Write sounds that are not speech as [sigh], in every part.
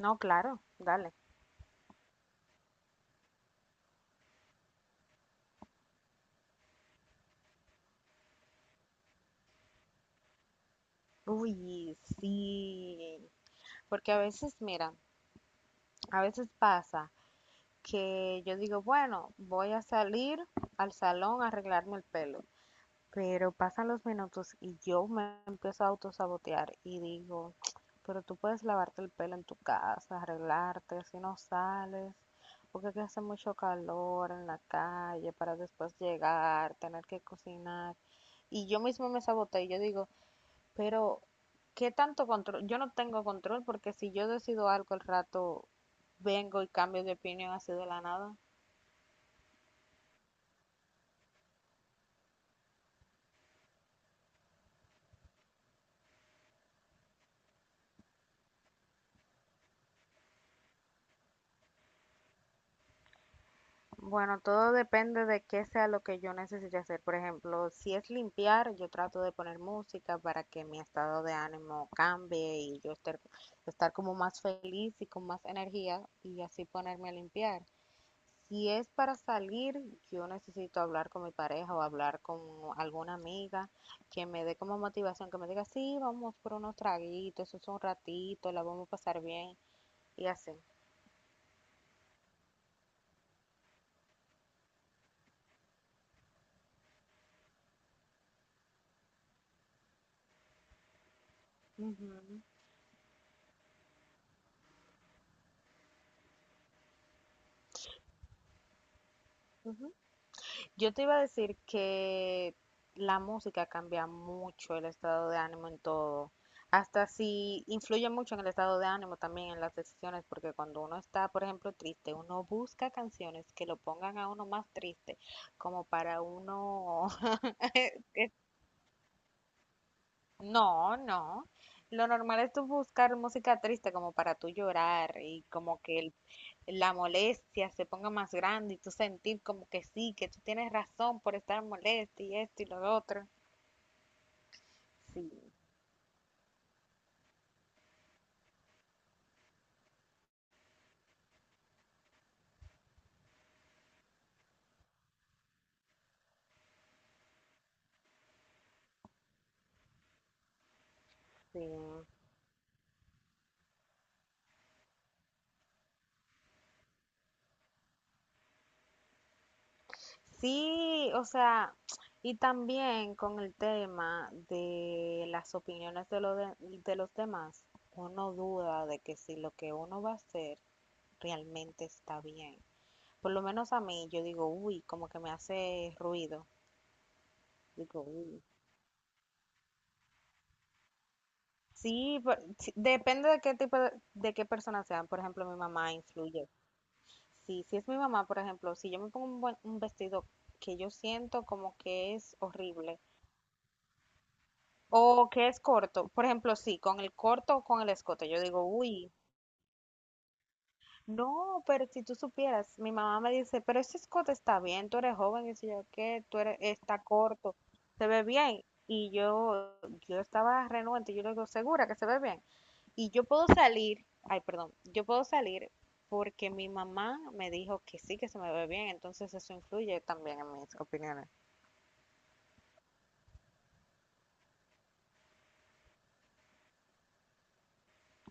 No, claro, dale. Uy, sí. Porque a veces, mira, a veces pasa que yo digo, bueno, voy a salir al salón a arreglarme el pelo. Pero pasan los minutos y yo me empiezo a autosabotear y digo, pero tú puedes lavarte el pelo en tu casa, arreglarte, si no sales, porque aquí hace mucho calor en la calle para después llegar, tener que cocinar. Y yo mismo me saboteé y yo digo, pero ¿qué tanto control? Yo no tengo control porque si yo decido algo, al rato vengo y cambio de opinión así de la nada. Bueno, todo depende de qué sea lo que yo necesite hacer. Por ejemplo, si es limpiar, yo trato de poner música para que mi estado de ánimo cambie y yo estar, como más feliz y con más energía y así ponerme a limpiar. Si es para salir, yo necesito hablar con mi pareja o hablar con alguna amiga que me dé como motivación, que me diga, sí, vamos por unos traguitos, eso es un ratito, la vamos a pasar bien y así. Ujú, ujú. Yo te iba a decir que la música cambia mucho el estado de ánimo en todo. Hasta si influye mucho en el estado de ánimo también en las decisiones, porque cuando uno está, por ejemplo, triste, uno busca canciones que lo pongan a uno más triste, como para uno... [laughs] No, no. Lo normal es tú buscar música triste como para tú llorar y como que la molestia se ponga más grande y tú sentir como que sí, que tú tienes razón por estar molesta y esto y lo otro. Sí, sí. Sí, o sea, y también con el tema de las opiniones de los demás, uno duda de que si lo que uno va a hacer realmente está bien. Por lo menos a mí, yo digo, uy, como que me hace ruido. Digo, uy. Sí, sí, depende de qué tipo de qué persona sean. Por ejemplo, mi mamá influye. Sí, si es mi mamá, por ejemplo, si yo me pongo un vestido que yo siento como que es horrible, o que es corto. Por ejemplo, sí, con el corto o con el escote. Yo digo, uy, no, pero si tú supieras, mi mamá me dice, pero ese escote está bien, tú eres joven. Y si yo, ¿qué? Tú eres, está corto, se ve bien. Y yo, yo estaba renuente, yo le digo, ¿segura que se ve bien? Y yo puedo salir, ay, perdón, yo puedo salir porque mi mamá me dijo que sí, que se me ve bien, entonces eso influye también en mis opiniones.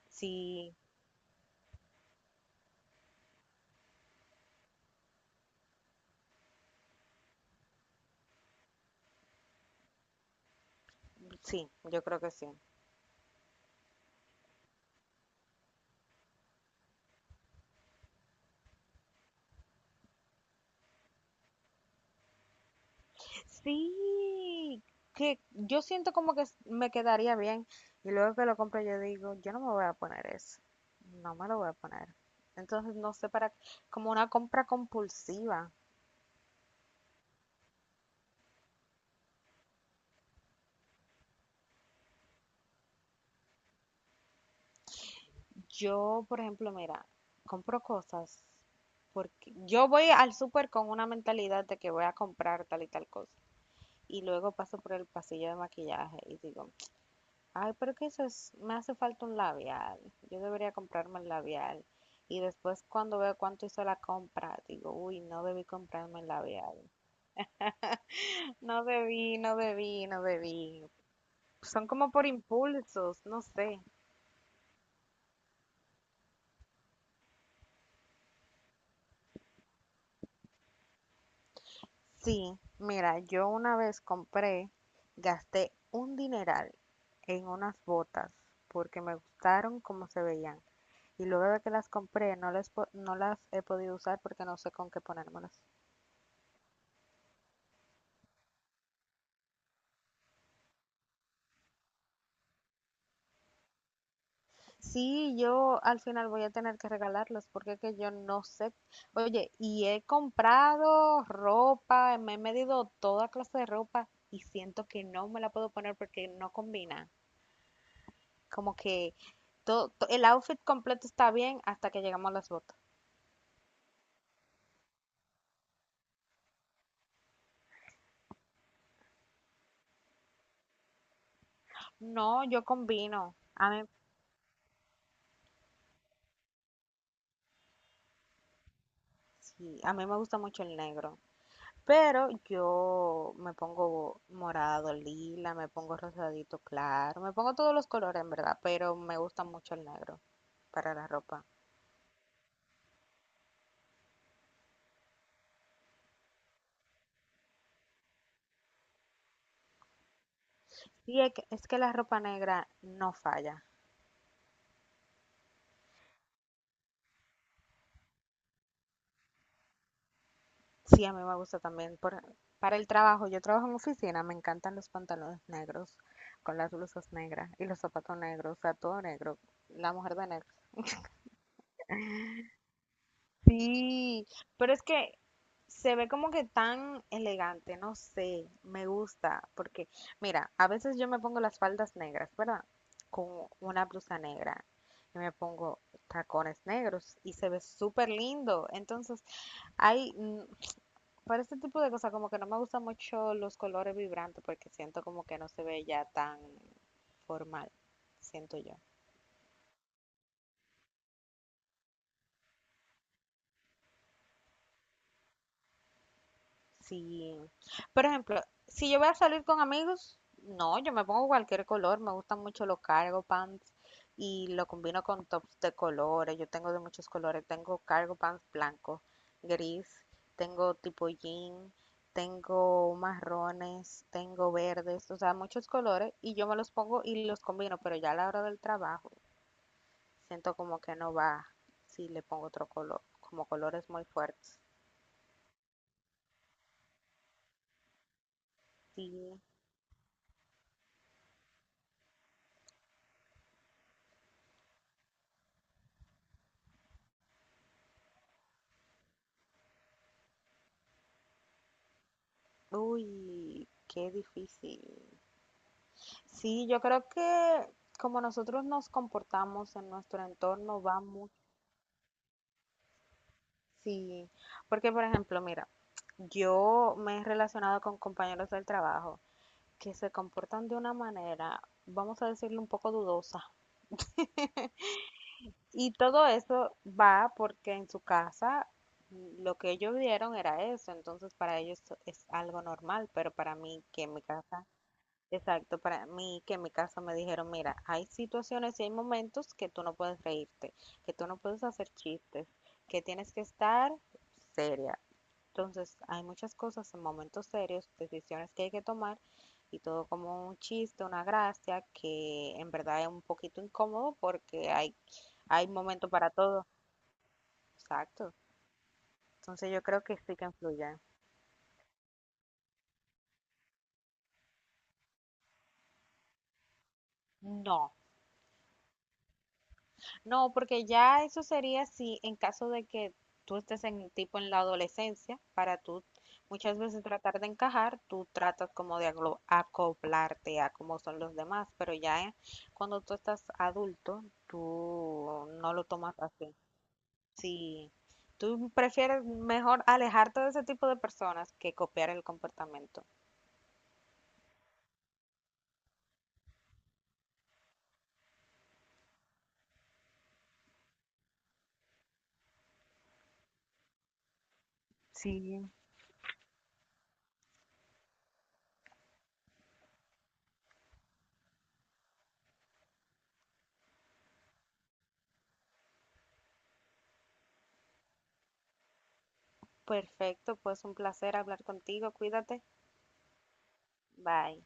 Sí, sí, yo creo que sí. Sí, que yo siento como que me quedaría bien, y luego que lo compro yo digo, yo no me voy a poner eso, no me lo voy a poner. Entonces, no sé, para, como una compra compulsiva. Yo, por ejemplo, mira, compro cosas porque yo voy al súper con una mentalidad de que voy a comprar tal y tal cosa, y luego paso por el pasillo de maquillaje y digo, ay, pero que eso es, me hace falta un labial. Yo debería comprarme el labial. Y después cuando veo cuánto hizo la compra, digo, uy, no debí comprarme el labial. [laughs] No debí, no debí, no debí. Son como por impulsos, no sé. Sí, mira, yo una vez compré, gasté un dineral en unas botas porque me gustaron cómo se veían. Y luego de que las compré, no las he podido usar porque no sé con qué ponérmelas. Sí, yo al final voy a tener que regalarlos porque es que yo no sé. Oye, y he comprado ropa, me he medido toda clase de ropa y siento que no me la puedo poner porque no combina. Como que el outfit completo está bien hasta que llegamos a las botas. No, yo combino. A mí, sí, a mí me gusta mucho el negro, pero yo me pongo morado, lila, me pongo rosadito claro, me pongo todos los colores en verdad, pero me gusta mucho el negro para la ropa. Y es que la ropa negra no falla. Sí, a mí me gusta también. Por, para el trabajo, yo trabajo en oficina, me encantan los pantalones negros, con las blusas negras y los zapatos negros, o sea, todo negro. La mujer de negro. Sí, pero es que se ve como que tan elegante, no sé, me gusta, porque mira, a veces yo me pongo las faldas negras, ¿verdad? Con una blusa negra y me pongo tacones negros y se ve súper lindo. Entonces, hay, para este tipo de cosas, como que no me gustan mucho los colores vibrantes porque siento como que no se ve ya tan formal, siento yo. Sí. Por ejemplo, si yo voy a salir con amigos, no, yo me pongo cualquier color. Me gustan mucho los cargo pants y lo combino con tops de colores. Yo tengo de muchos colores. Tengo cargo pants blanco, gris, tengo tipo jean, tengo marrones, tengo verdes, o sea, muchos colores. Y yo me los pongo y los combino, pero ya a la hora del trabajo siento como que no va si le pongo otro color, como colores muy fuertes. Sí. Uy, qué difícil. Sí, yo creo que como nosotros nos comportamos en nuestro entorno va mucho. Sí, porque por ejemplo, mira, yo me he relacionado con compañeros del trabajo que se comportan de una manera, vamos a decirle, un poco dudosa. Y todo eso va porque en su casa, lo que ellos vieron era eso, entonces para ellos es algo normal, pero para mí, que en mi casa... Exacto, para mí, que en mi caso me dijeron, mira, hay situaciones y hay momentos que tú no puedes reírte, que tú no puedes hacer chistes, que tienes que estar seria. Entonces, hay muchas cosas en momentos serios, decisiones que hay que tomar, y todo como un chiste, una gracia, que en verdad es un poquito incómodo porque hay momento para todo. Exacto. Entonces, yo creo que sí que influye. No, no, porque ya eso sería si en caso de que tú estés en tipo en la adolescencia, para tú muchas veces tratar de encajar, tú tratas como de acoplarte a cómo son los demás, pero ya cuando tú estás adulto, tú no lo tomas así. Sí, tú prefieres mejor alejarte de ese tipo de personas que copiar el comportamiento. Sí. Perfecto, pues un placer hablar contigo, cuídate, bye.